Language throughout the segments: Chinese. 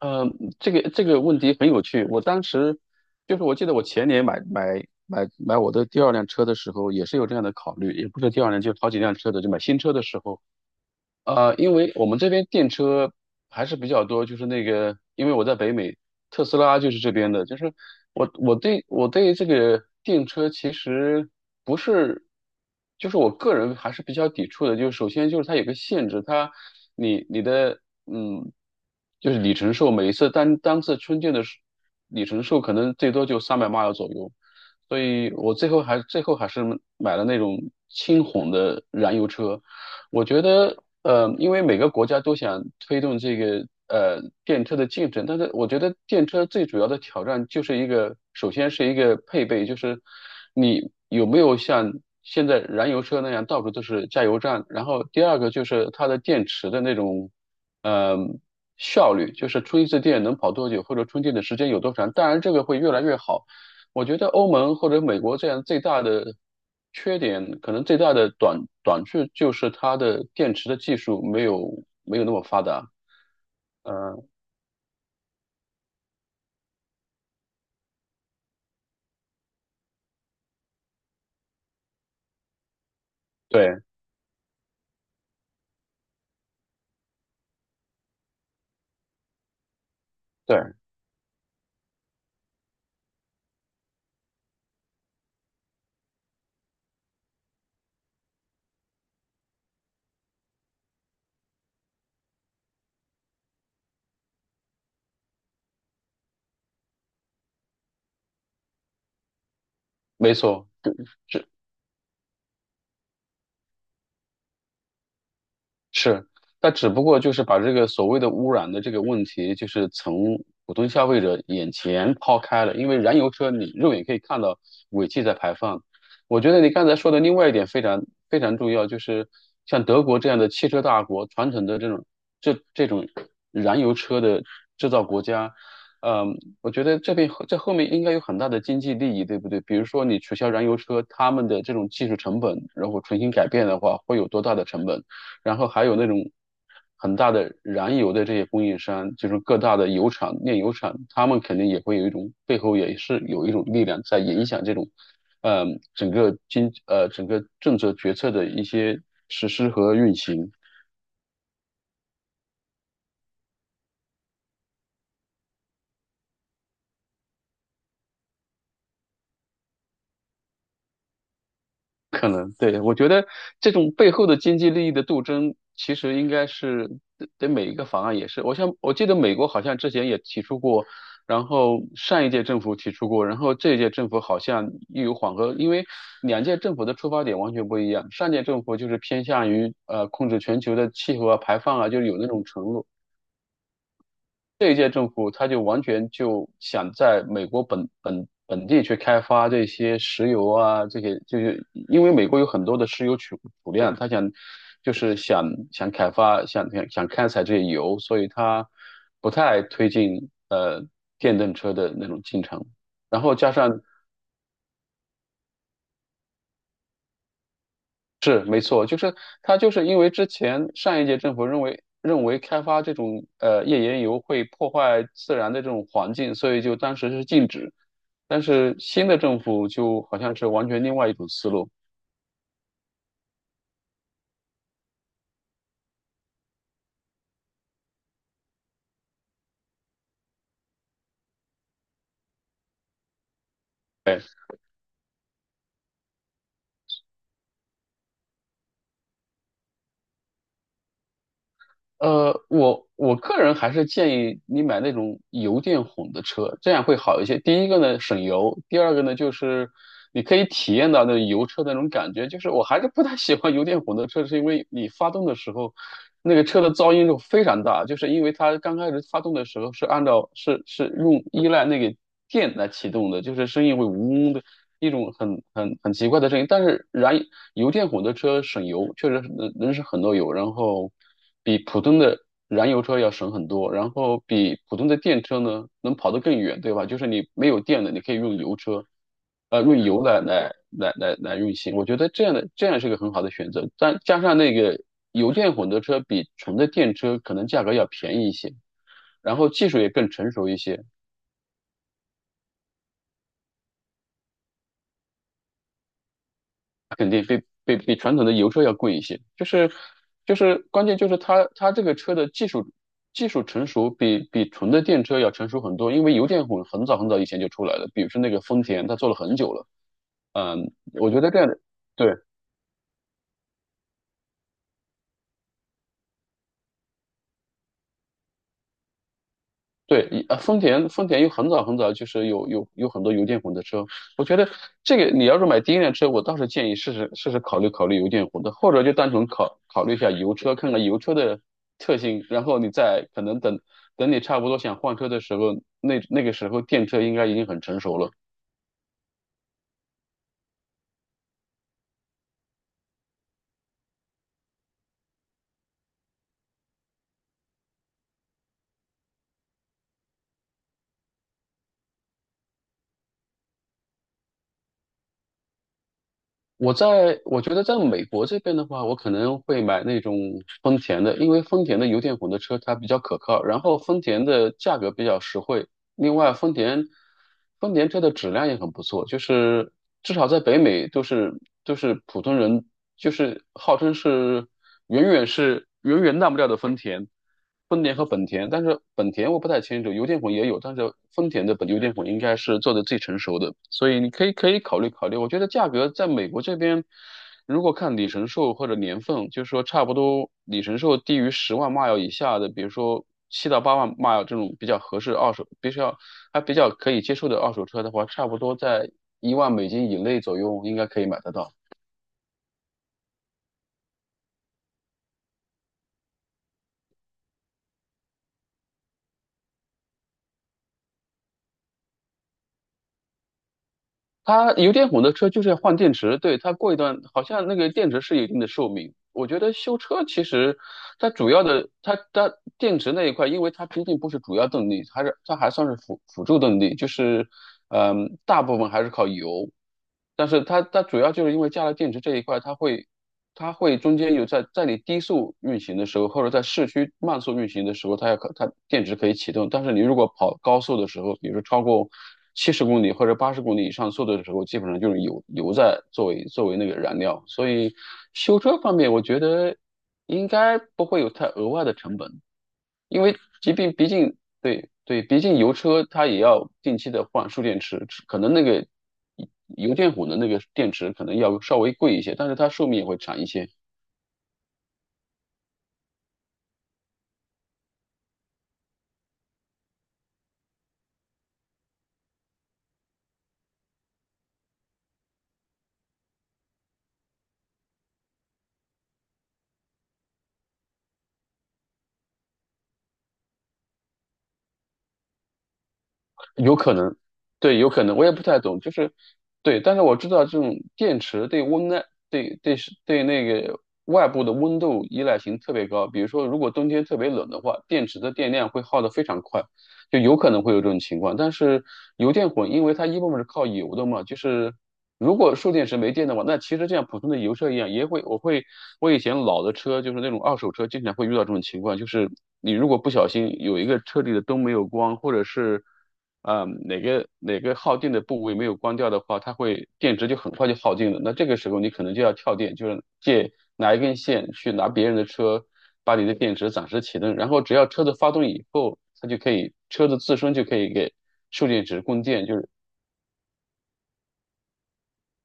呃，这个问题很有趣。我当时就是我记得我前年买我的第二辆车的时候，也是有这样的考虑，也不是第二辆，就是好几辆车的，就买新车的时候，因为我们这边电车还是比较多，就是那个，因为我在北美，特斯拉就是这边的，就是我对这个电车其实不是，就是我个人还是比较抵触的，就是首先就是它有个限制，它你的嗯，就是里程数，每一次单次充电的时里程数可能最多就300 m i l 左右，所以我最后还是买了那种轻混的燃油车。我觉得，因为每个国家都想推动这个电车的进程，但是我觉得电车最主要的挑战就是一个，首先是一个配备，就是你有没有像现在燃油车那样到处都是加油站，然后第二个就是它的电池的那种，呃，效率，就是充一次电能跑多久，或者充电的时间有多长。当然，这个会越来越好。我觉得欧盟或者美国这样最大的缺点，可能最大的短处就是它的电池的技术没有那么发达。对对，没错。是，但只不过就是把这个所谓的污染的这个问题，就是从普通消费者眼前抛开了。因为燃油车你肉眼可以看到尾气在排放。我觉得你刚才说的另外一点非常非常重要，就是像德国这样的汽车大国，传统的这种燃油车的制造国家，我觉得这后面应该有很大的经济利益，对不对？比如说你取消燃油车，他们的这种技术成本，然后重新改变的话，会有多大的成本？然后还有那种很大的燃油的这些供应商，就是各大的油厂、炼油厂，他们肯定也会有一种背后也是有一种力量在影响这种，整个政策决策的一些实施和运行。可能对，我觉得这种背后的经济利益的斗争，其实应该是对对每一个方案也是。我像我记得美国好像之前也提出过，然后上一届政府提出过，然后这一届政府好像又有缓和，因为两届政府的出发点完全不一样。上届政府就是偏向于控制全球的气候啊、排放啊，就是有那种承诺。这一届政府他就完全就想在美国本地去开发这些石油啊，这些就是因为美国有很多的石油储量，他想就是想开发想开采这些油，所以他不太推进电动车的那种进程。然后加上是没错，就是它就是因为之前上一届政府认为开发这种页岩油会破坏自然的这种环境，所以就当时是禁止。但是新的政府就好像是完全另外一种思路，我个人还是建议你买那种油电混的车，这样会好一些。第一个呢省油，第二个呢就是你可以体验到那油车的那种感觉。就是我还是不太喜欢油电混的车，是因为你发动的时候，那个车的噪音就非常大，就是因为它刚开始发动的时候是按照是是用依赖那个电来启动的，就是声音会嗡嗡的。一种很奇怪的声音，但是油电混的车省油，确实能省很多油，然后。比普通的燃油车要省很多，然后比普通的电车呢能跑得更远，对吧？就是你没有电了，你可以用油车，用油来运行。我觉得这样是个很好的选择，但加上那个油电混合车比纯的电车可能价格要便宜一些，然后技术也更成熟一些。它肯定比传统的油车要贵一些，就是关键就是它这个车的技术技术成熟比纯的电车要成熟很多，因为油电混很早很早以前就出来了，比如说那个丰田，它做了很久了，我觉得这样的。对。对，丰田又很早很早就是有很多油电混的车，我觉得这个你要是买第一辆车，我倒是建议试试考虑考虑油电混的，或者就单纯考虑一下油车，看看油车的特性，然后你再可能等等你差不多想换车的时候，那个时候电车应该已经很成熟了。我觉得在美国这边的话，我可能会买那种丰田的，因为丰田的油电混的车它比较可靠，然后丰田的价格比较实惠。另外，丰田车的质量也很不错，就是至少在北美都是普通人，就是号称是远远烂不掉的丰田，丰田和本田，但是本田我不太清楚，油电混也有，但是丰田的油电混应该是做的最成熟的，所以你可以考虑考虑，我觉得价格在美国这边。如果看里程数或者年份，就是说差不多里程数低于100,000 mile 以下的，比如说7到8万 mile 这种比较合适二手，必须要还比较可以接受的二手车的话，差不多在10,000美金以内左右应该可以买得到。它油电混的车就是要换电池，对，它过一段好像那个电池是有一定的寿命。我觉得修车其实它主要的，它电池那一块，因为它毕竟不是主要动力，还是它还算是辅助动力，就是大部分还是靠油，但是它主要就是因为加了电池这一块，它会中间有在你低速运行的时候，或者在市区慢速运行的时候，它电池可以启动。但是你如果跑高速的时候，比如说超过70公里或者80公里以上速度的时候，基本上就是油在作为那个燃料。所以修车方面，我觉得应该不会有太额外的成本，因为即便毕竟对对，毕竟油车它也要定期的换蓄电池，可能那个油电混的那个电池可能要稍微贵一些，但是它寿命也会长一些。有可能，对，有可能，我也不太懂，就是，对，但是我知道这种电池对温耐，对对是对那个外部的温度依赖性特别高。比如说，如果冬天特别冷的话，电池的电量会耗得非常快，就有可能会有这种情况。但是油电混，因为它一部分是靠油的嘛，就是如果蓄电池没电的话，那其实就像普通的油车一样，也会，我会，我以前老的车就是那种二手车，经常会遇到这种情况，就是你如果不小心有一个车里的灯没有关，或者是。啊，哪个哪个耗电的部位没有关掉的话，它会电池就很快就耗尽了。那这个时候你可能就要跳电，就是拿一根线去拿别人的车，把你的电池暂时启动，然后只要车子发动以后，它就可以车子自身就可以给蓄电池供电，就是。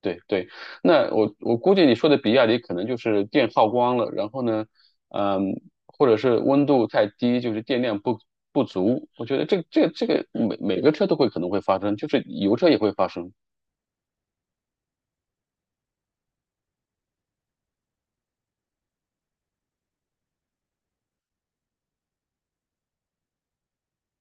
对对，那我估计你说的比亚迪可能就是电耗光了，然后呢，嗯，或者是温度太低，就是电量不足。我觉得这个每个车都会可能会发生，就是油车也会发生。